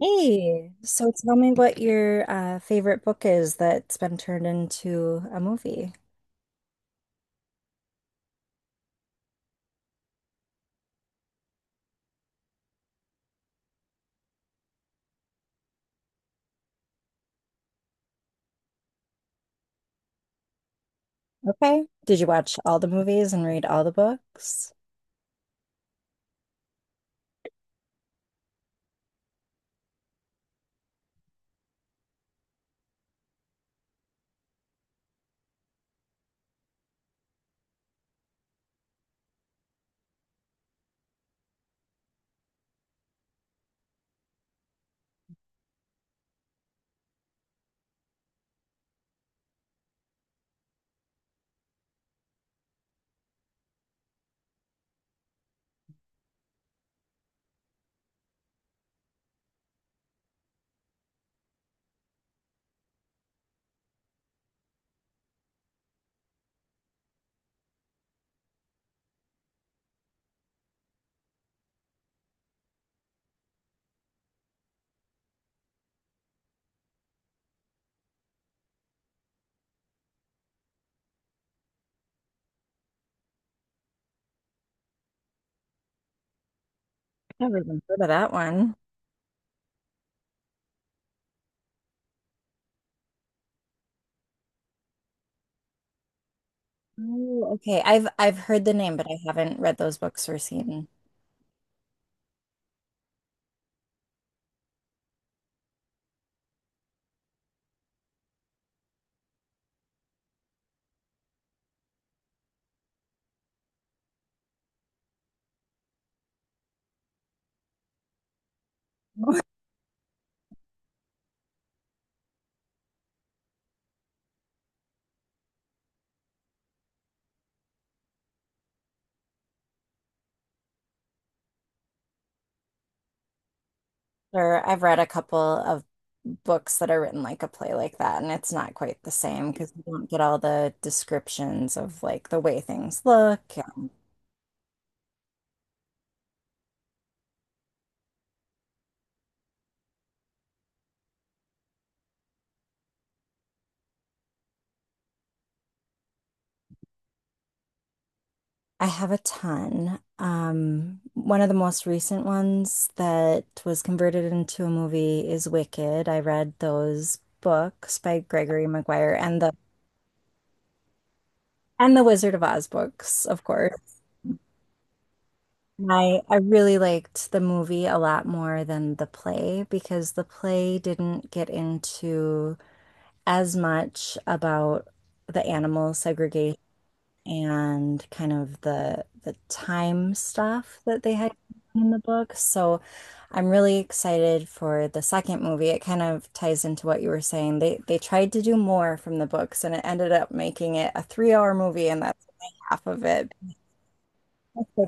Hey, so tell me what your favorite book is that's been turned into a movie. Okay. Did you watch all the movies and read all the books? Never even heard of that one. Oh, okay. I've heard the name, but I haven't read those books or seen. Or I've read a couple of books that are written like a play like that, and it's not quite the same because you don't get all the descriptions of like the way things look. Yeah. I have a ton. One of the most recent ones that was converted into a movie is Wicked. I read those books by Gregory Maguire and the Wizard of Oz books, of course. And I really liked the movie a lot more than the play because the play didn't get into as much about the animal segregation and kind of the time stuff that they had in the book. So I'm really excited for the second movie. It kind of ties into what you were saying. They tried to do more from the books and it ended up making it a 3-hour movie and that's only half of it. They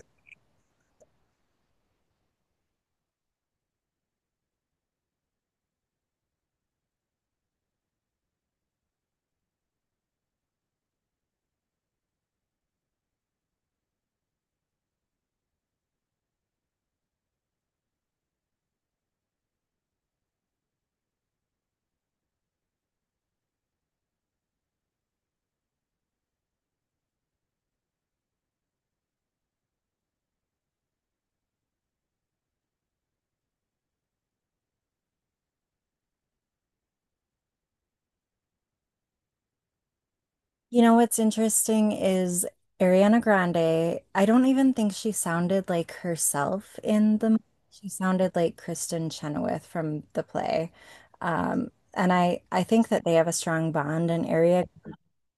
you know what's interesting is Ariana Grande, I don't even think she sounded like herself in the movie. She sounded like Kristen Chenoweth from the play. And I think that they have a strong bond, and Ari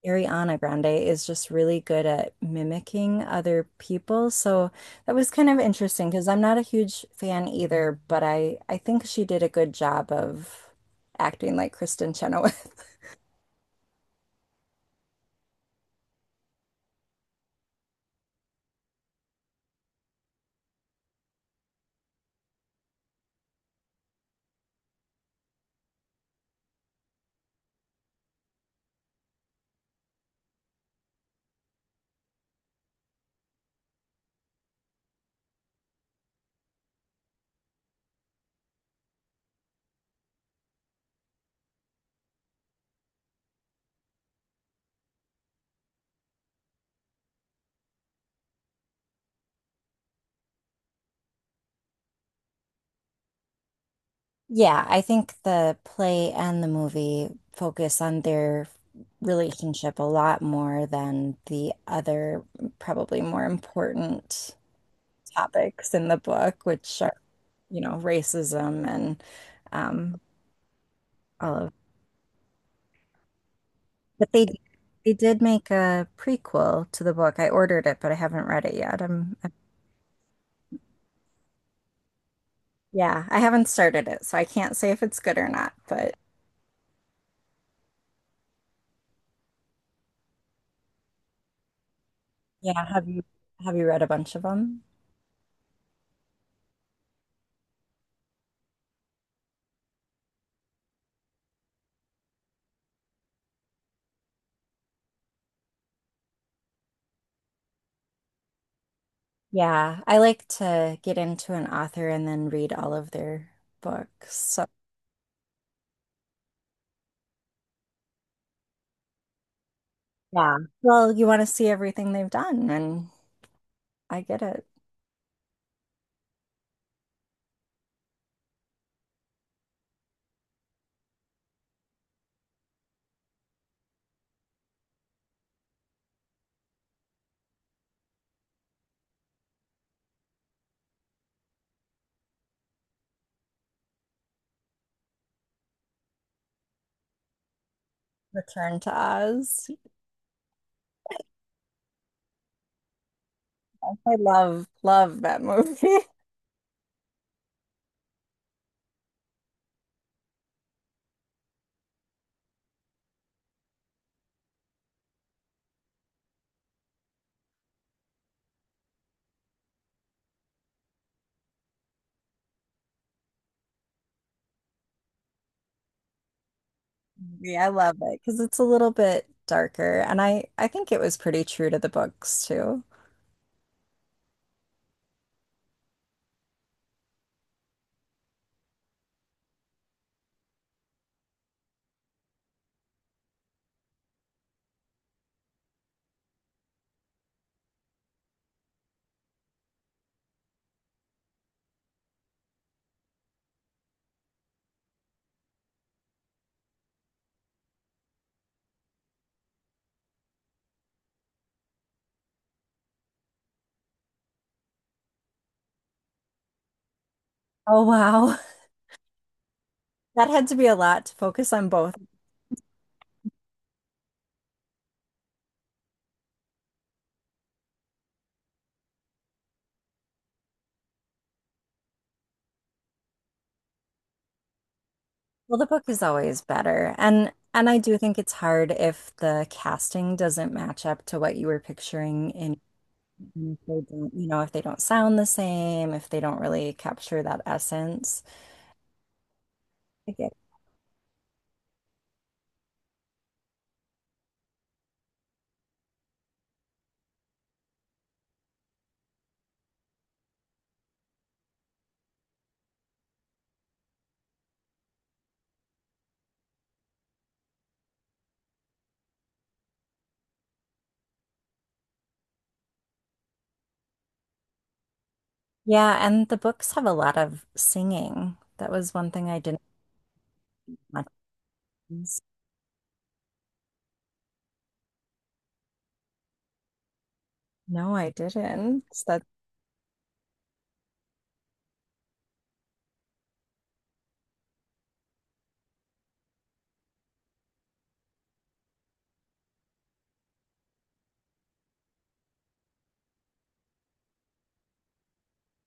Ariana Grande is just really good at mimicking other people. So that was kind of interesting because I'm not a huge fan either, but I think she did a good job of acting like Kristen Chenoweth. Yeah, I think the play and the movie focus on their relationship a lot more than the other, probably more important topics in the book, which are, you know, racism and um, all of. But they did make a prequel to the book. I ordered it, but I haven't read it yet. I'm, I Yeah, I haven't started it, so I can't say if it's good or not. But yeah, have you read a bunch of them? Yeah, I like to get into an author and then read all of their books. So, yeah. Well, you want to see everything they've done, and I get it. Return to Oz. I love love that movie. Yeah, I love it because it's a little bit darker, and I think it was pretty true to the books too. Oh wow. That had to be a lot to focus on both. Well, the book is always better. And I do think it's hard if the casting doesn't match up to what you were picturing in, and if they don't, you know, if they don't sound the same, if they don't really capture that essence. I get it. Yeah, and the books have a lot of singing. That was one thing I didn't like. No, I didn't. That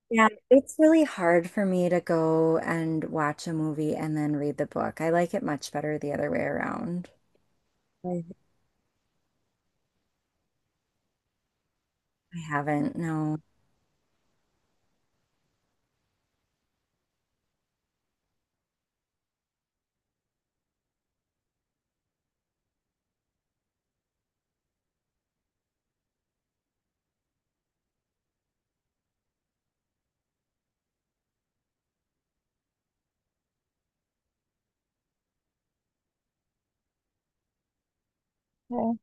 yeah, it's really hard for me to go and watch a movie and then read the book. I like it much better the other way around. I- I haven't, no. Okay.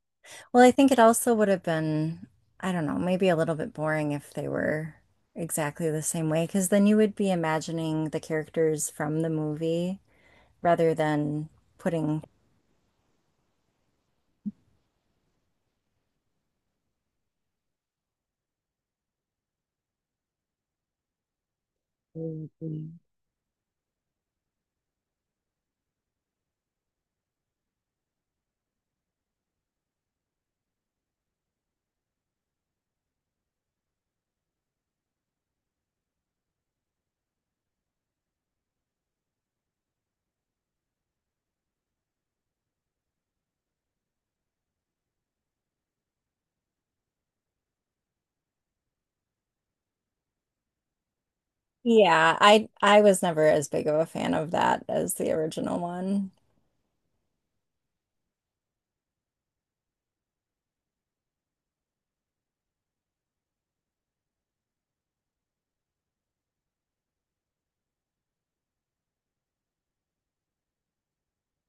Well, I think it also would have been, I don't know, maybe a little bit boring if they were exactly the same way, because then you would be imagining the characters from the movie rather than putting. Mm, mm. Yeah, I was never as big of a fan of that as the original one.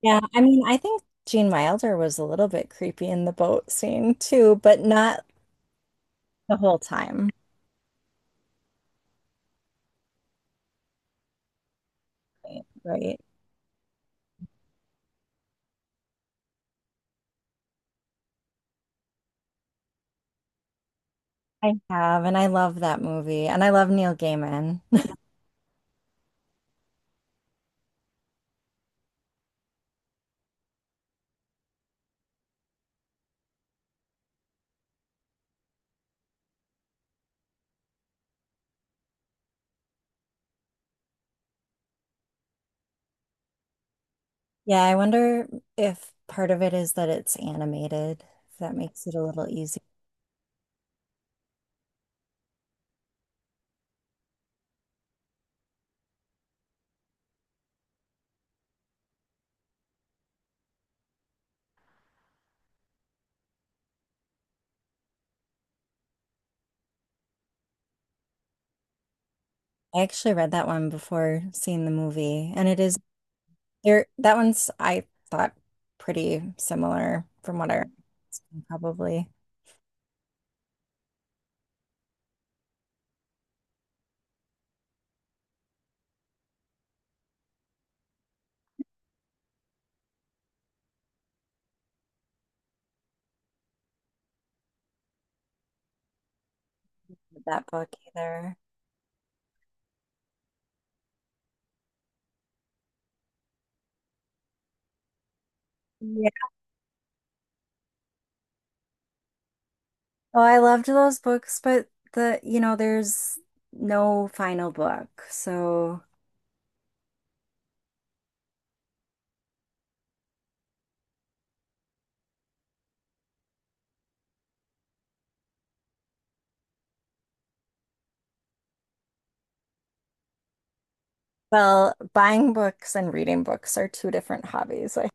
Yeah, I mean, I think Gene Wilder was a little bit creepy in the boat scene too, but not the whole time. Right. Right. I have, and I love that movie, and I love Neil Gaiman. Yeah, I wonder if part of it is that it's animated, if that makes it a little easier. I actually read that one before seeing the movie, and it is there. That one's, I thought, pretty similar from what I remember, probably with that book either. Yeah. Oh, I loved those books, but the, you know, there's no final book. So, well, buying books and reading books are two different hobbies. I,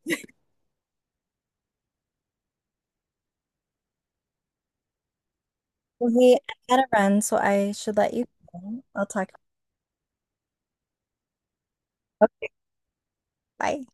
well, hey, I gotta run, so I should let you go. I'll talk. Okay, bye.